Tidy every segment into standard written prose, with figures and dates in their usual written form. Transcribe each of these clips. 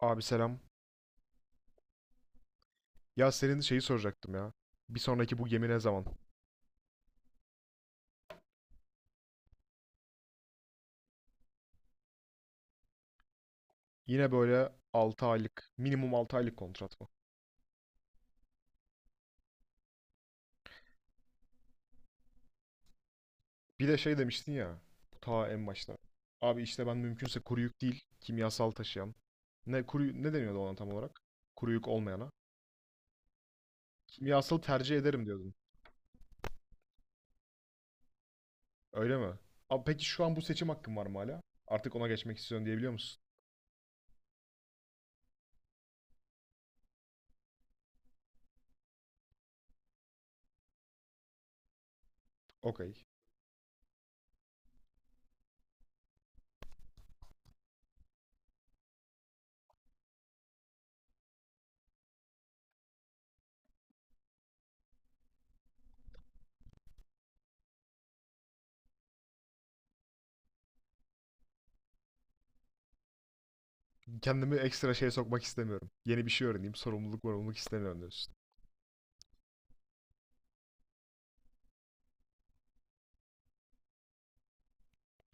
Abi selam. Ya senin şeyi soracaktım ya. Bir sonraki bu gemi ne zaman? Yine böyle 6 aylık, minimum 6 aylık kontrat mı? Bir de şey demiştin ya, bu ta en başta. Abi işte ben mümkünse kuru yük değil, kimyasal taşıyan. Ne kuru ne deniyordu ona tam olarak? Kuru yük olmayana. Kimyasal tercih ederim diyordun. Öyle mi? Abi peki şu an bu seçim hakkım var mı hala? Artık ona geçmek istiyorsun diyebiliyor musun? Okey. Kendimi ekstra şeye sokmak istemiyorum. Yeni bir şey öğreneyim, sorumluluk istemiyorum diyorsun.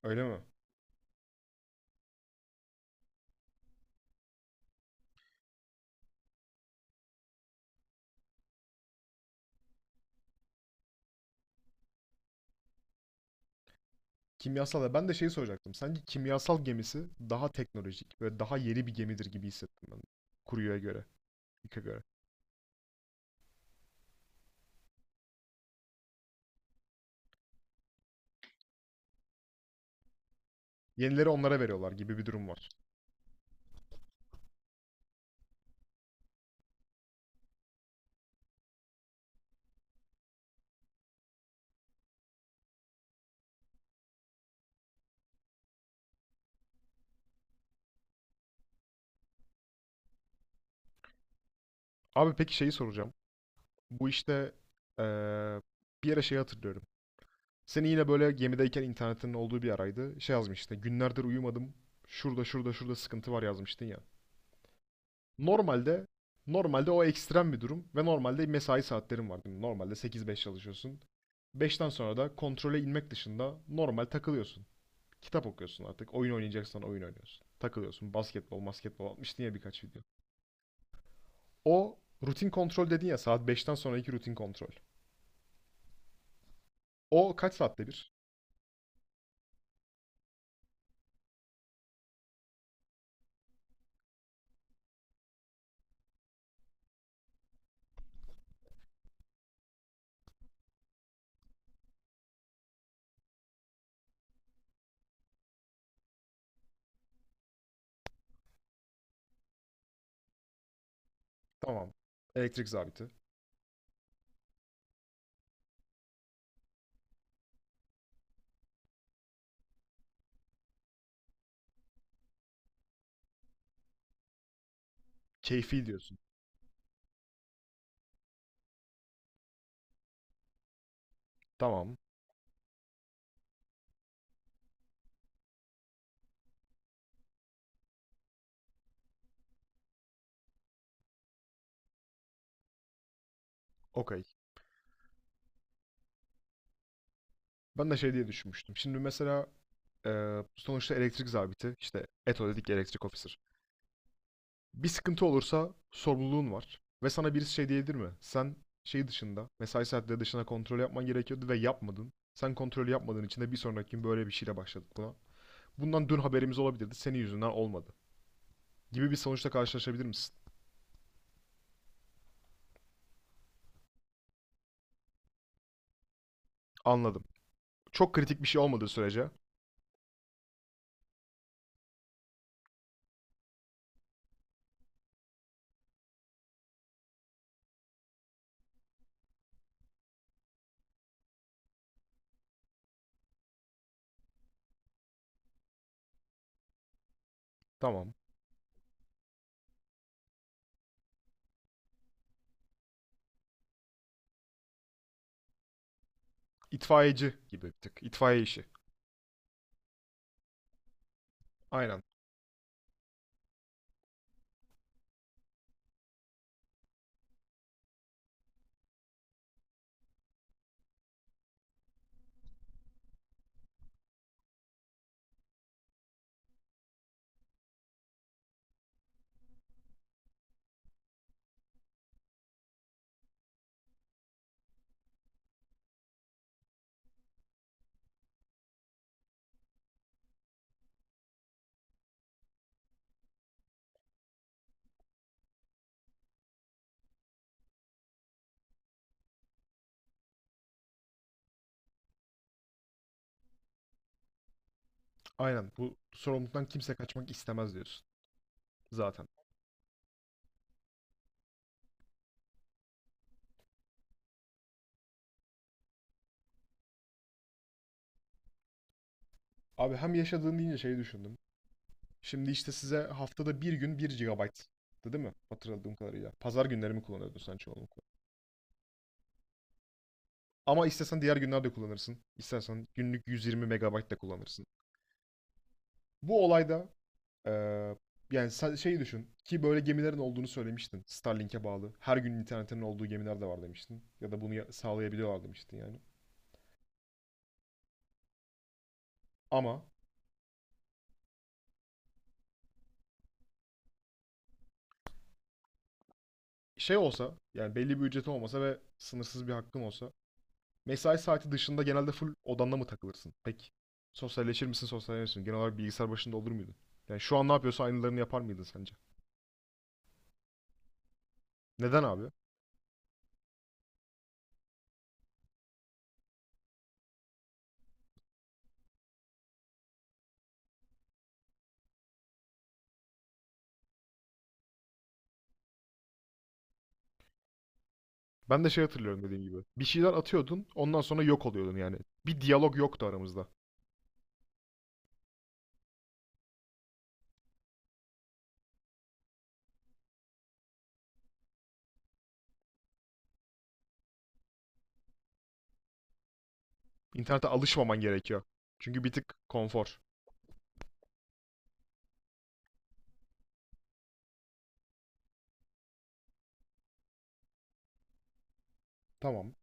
Öyle mi? Kimyasal ya ben de şeyi soracaktım. Sanki kimyasal gemisi daha teknolojik ve daha yeni bir gemidir gibi hissettim ben. Kuruyo'ya göre, İK'a göre. Yenileri onlara veriyorlar gibi bir durum var. Abi peki şeyi soracağım. Bu işte eee, bir yere şey hatırlıyorum. Seni yine böyle gemideyken internetin olduğu bir araydı. Şey yazmıştın. Günlerdir uyumadım. Şurada şurada şurada sıkıntı var yazmıştın ya. Normalde normalde o ekstrem bir durum ve normalde mesai saatlerin var. Değil mi? Normalde 8-5 çalışıyorsun. 5'ten sonra da kontrole inmek dışında normal takılıyorsun. Kitap okuyorsun artık. Oyun oynayacaksan oyun oynuyorsun. Takılıyorsun. Basketbol atmıştın ya birkaç video. O rutin kontrol dedin ya saat 5'ten sonraki rutin kontrol. O kaç saatte bir? Tamam. Elektrik zabiti. Keyfi diyorsun. Tamam. Okey. Ben de şey diye düşünmüştüm. Şimdi mesela sonuçta elektrik zabiti işte ETO dedik ya, elektrik officer. Bir sıkıntı olursa sorumluluğun var. Ve sana birisi şey diyebilir mi? Sen şey dışında, mesai saatleri dışında kontrol yapman gerekiyordu ve yapmadın. Sen kontrolü yapmadığın için de bir sonraki gün böyle bir şeyle başladık buna. Bundan dün haberimiz olabilirdi. Senin yüzünden olmadı. Gibi bir sonuçla karşılaşabilir misin? Anladım. Çok kritik bir şey olmadığı sürece tamam. İtfaiyeci gibi bir tık. İtfaiye işi. Aynen. Aynen. Bu sorumluluktan kimse kaçmak istemez diyorsun. Zaten. Abi hem yaşadığın deyince şeyi düşündüm. Şimdi işte size haftada bir gün bir GB. Değil mi? Hatırladığım kadarıyla. Pazar günlerimi kullanıyordun sen çoğunlukla? Ama istesen diğer günlerde kullanırsın. İstersen günlük 120 MB de kullanırsın. Bu olayda Ee, yani sen şeyi düşün ki böyle gemilerin olduğunu söylemiştin. Starlink'e bağlı. Her gün internetinin olduğu gemiler de var demiştin. Ya da bunu sağlayabiliyorlar demiştin yani. Ama şey olsa yani belli bir ücreti olmasa ve sınırsız bir hakkın olsa mesai saati dışında genelde full odanda mı takılırsın? Peki sosyalleşir misin? Genel olarak bilgisayar başında olur muydun? Yani şu an ne yapıyorsa aynılarını yapar mıydın sence? Neden abi? Ben de şey hatırlıyorum dediğim gibi. Bir şeyler atıyordun ondan sonra yok oluyordun yani. Bir diyalog yoktu aramızda. İnternete alışmaman gerekiyor. Çünkü bir tık konfor. Tamam.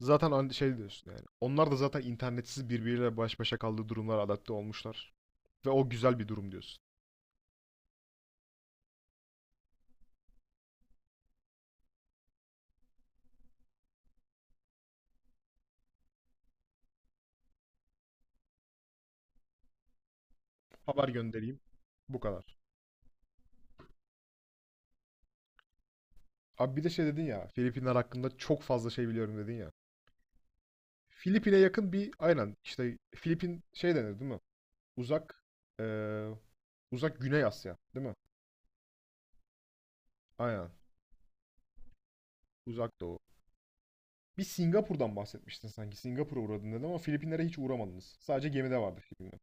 Zaten şey diyorsun yani. Onlar da zaten internetsiz birbiriyle baş başa kaldığı durumlara adapte olmuşlar. Ve o güzel bir durum diyorsun. Haber göndereyim. Bu kadar. Abi bir de şey dedin ya. Filipinler hakkında çok fazla şey biliyorum dedin ya. Filipin'e yakın bir aynen işte Filipin şey denir değil mi? Uzak eee, uzak Güney Asya değil mi? Aynen. Uzak Doğu. Bir Singapur'dan bahsetmiştin sanki. Singapur'a uğradın dedin ama Filipinlere hiç uğramadınız. Sadece gemide vardı Filipinler.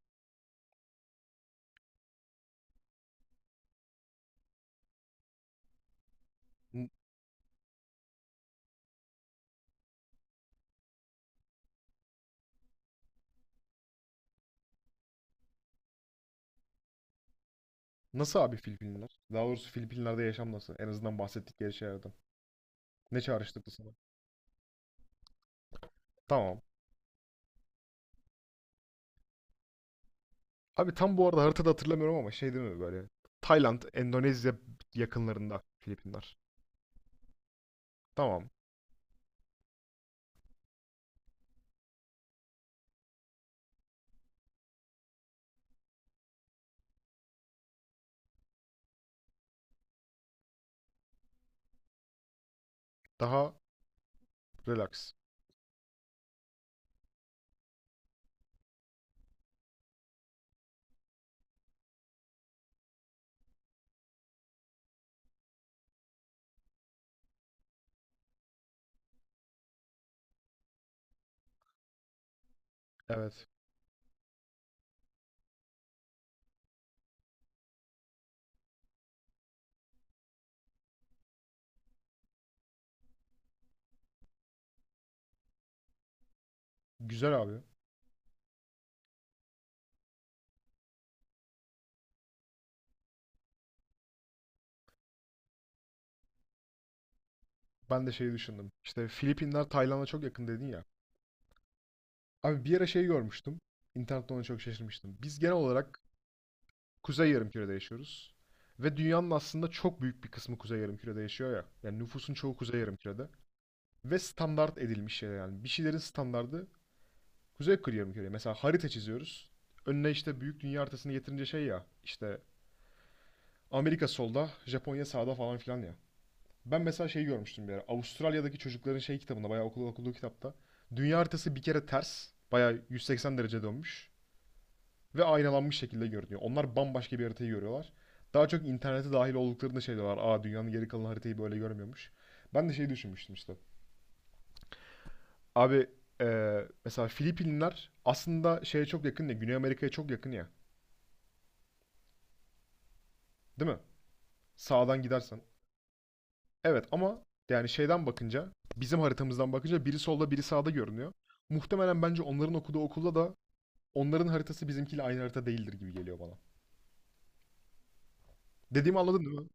Nasıl abi Filipinler? Daha doğrusu Filipinler'de yaşam nasıl? En azından bahsettikleri şeylerden. Ne çağrıştırdı sana? Tamam. Abi tam bu arada haritada hatırlamıyorum ama şey değil mi böyle? Tayland, Endonezya yakınlarında Filipinler. Tamam. Daha relax. Evet. Güzel abi. Ben de şeyi düşündüm. İşte Filipinler Tayland'a çok yakın dedin ya. Abi bir ara şey görmüştüm. İnternette ona çok şaşırmıştım. Biz genel olarak Kuzey Yarımküre'de yaşıyoruz. Ve dünyanın aslında çok büyük bir kısmı Kuzey Yarımküre'de yaşıyor ya. Yani nüfusun çoğu Kuzey Yarımküre'de. Ve standart edilmiş şeyler yani. Bir şeylerin standardı Kuzey Kırıya mı? Mesela harita çiziyoruz. Önüne işte büyük dünya haritasını getirince şey ya işte Amerika solda, Japonya sağda falan filan ya. Ben mesela şey görmüştüm bir ara. Avustralya'daki çocukların şey kitabında bayağı okul okuduğu kitapta dünya haritası bir kere ters. Bayağı 180 derece dönmüş ve aynalanmış şekilde görünüyor. Onlar bambaşka bir haritayı görüyorlar. Daha çok internete dahil olduklarında şey diyorlar. Aa dünyanın geri kalan haritayı böyle görmüyormuş. Ben de şey düşünmüştüm işte. Abi mesela Filipinler aslında şeye çok yakın ya. Güney Amerika'ya çok yakın ya. Değil mi? Sağdan gidersen. Evet ama yani şeyden bakınca bizim haritamızdan bakınca biri solda biri sağda görünüyor. Muhtemelen bence onların okuduğu okulda da onların haritası bizimkiyle aynı harita değildir gibi geliyor bana. Dediğimi anladın değil mi?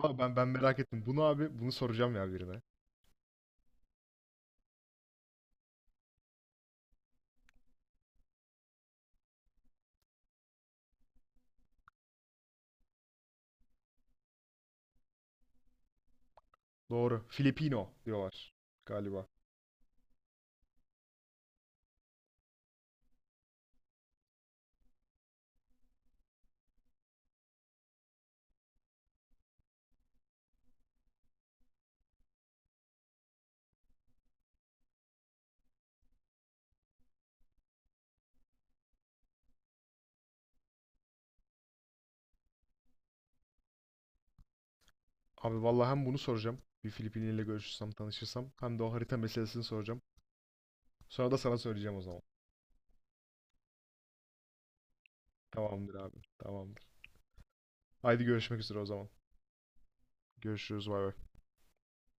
Abi ben merak ettim. Bunu abi bunu soracağım ya birine. Doğru. Filipino diyorlar galiba. Abi vallahi hem bunu soracağım. Bir Filipinliyle görüşürsem, tanışırsam hem de o harita meselesini soracağım. Sonra da sana söyleyeceğim o zaman. Tamamdır abi. Tamamdır. Haydi görüşmek üzere o zaman. Görüşürüz. Bay bay.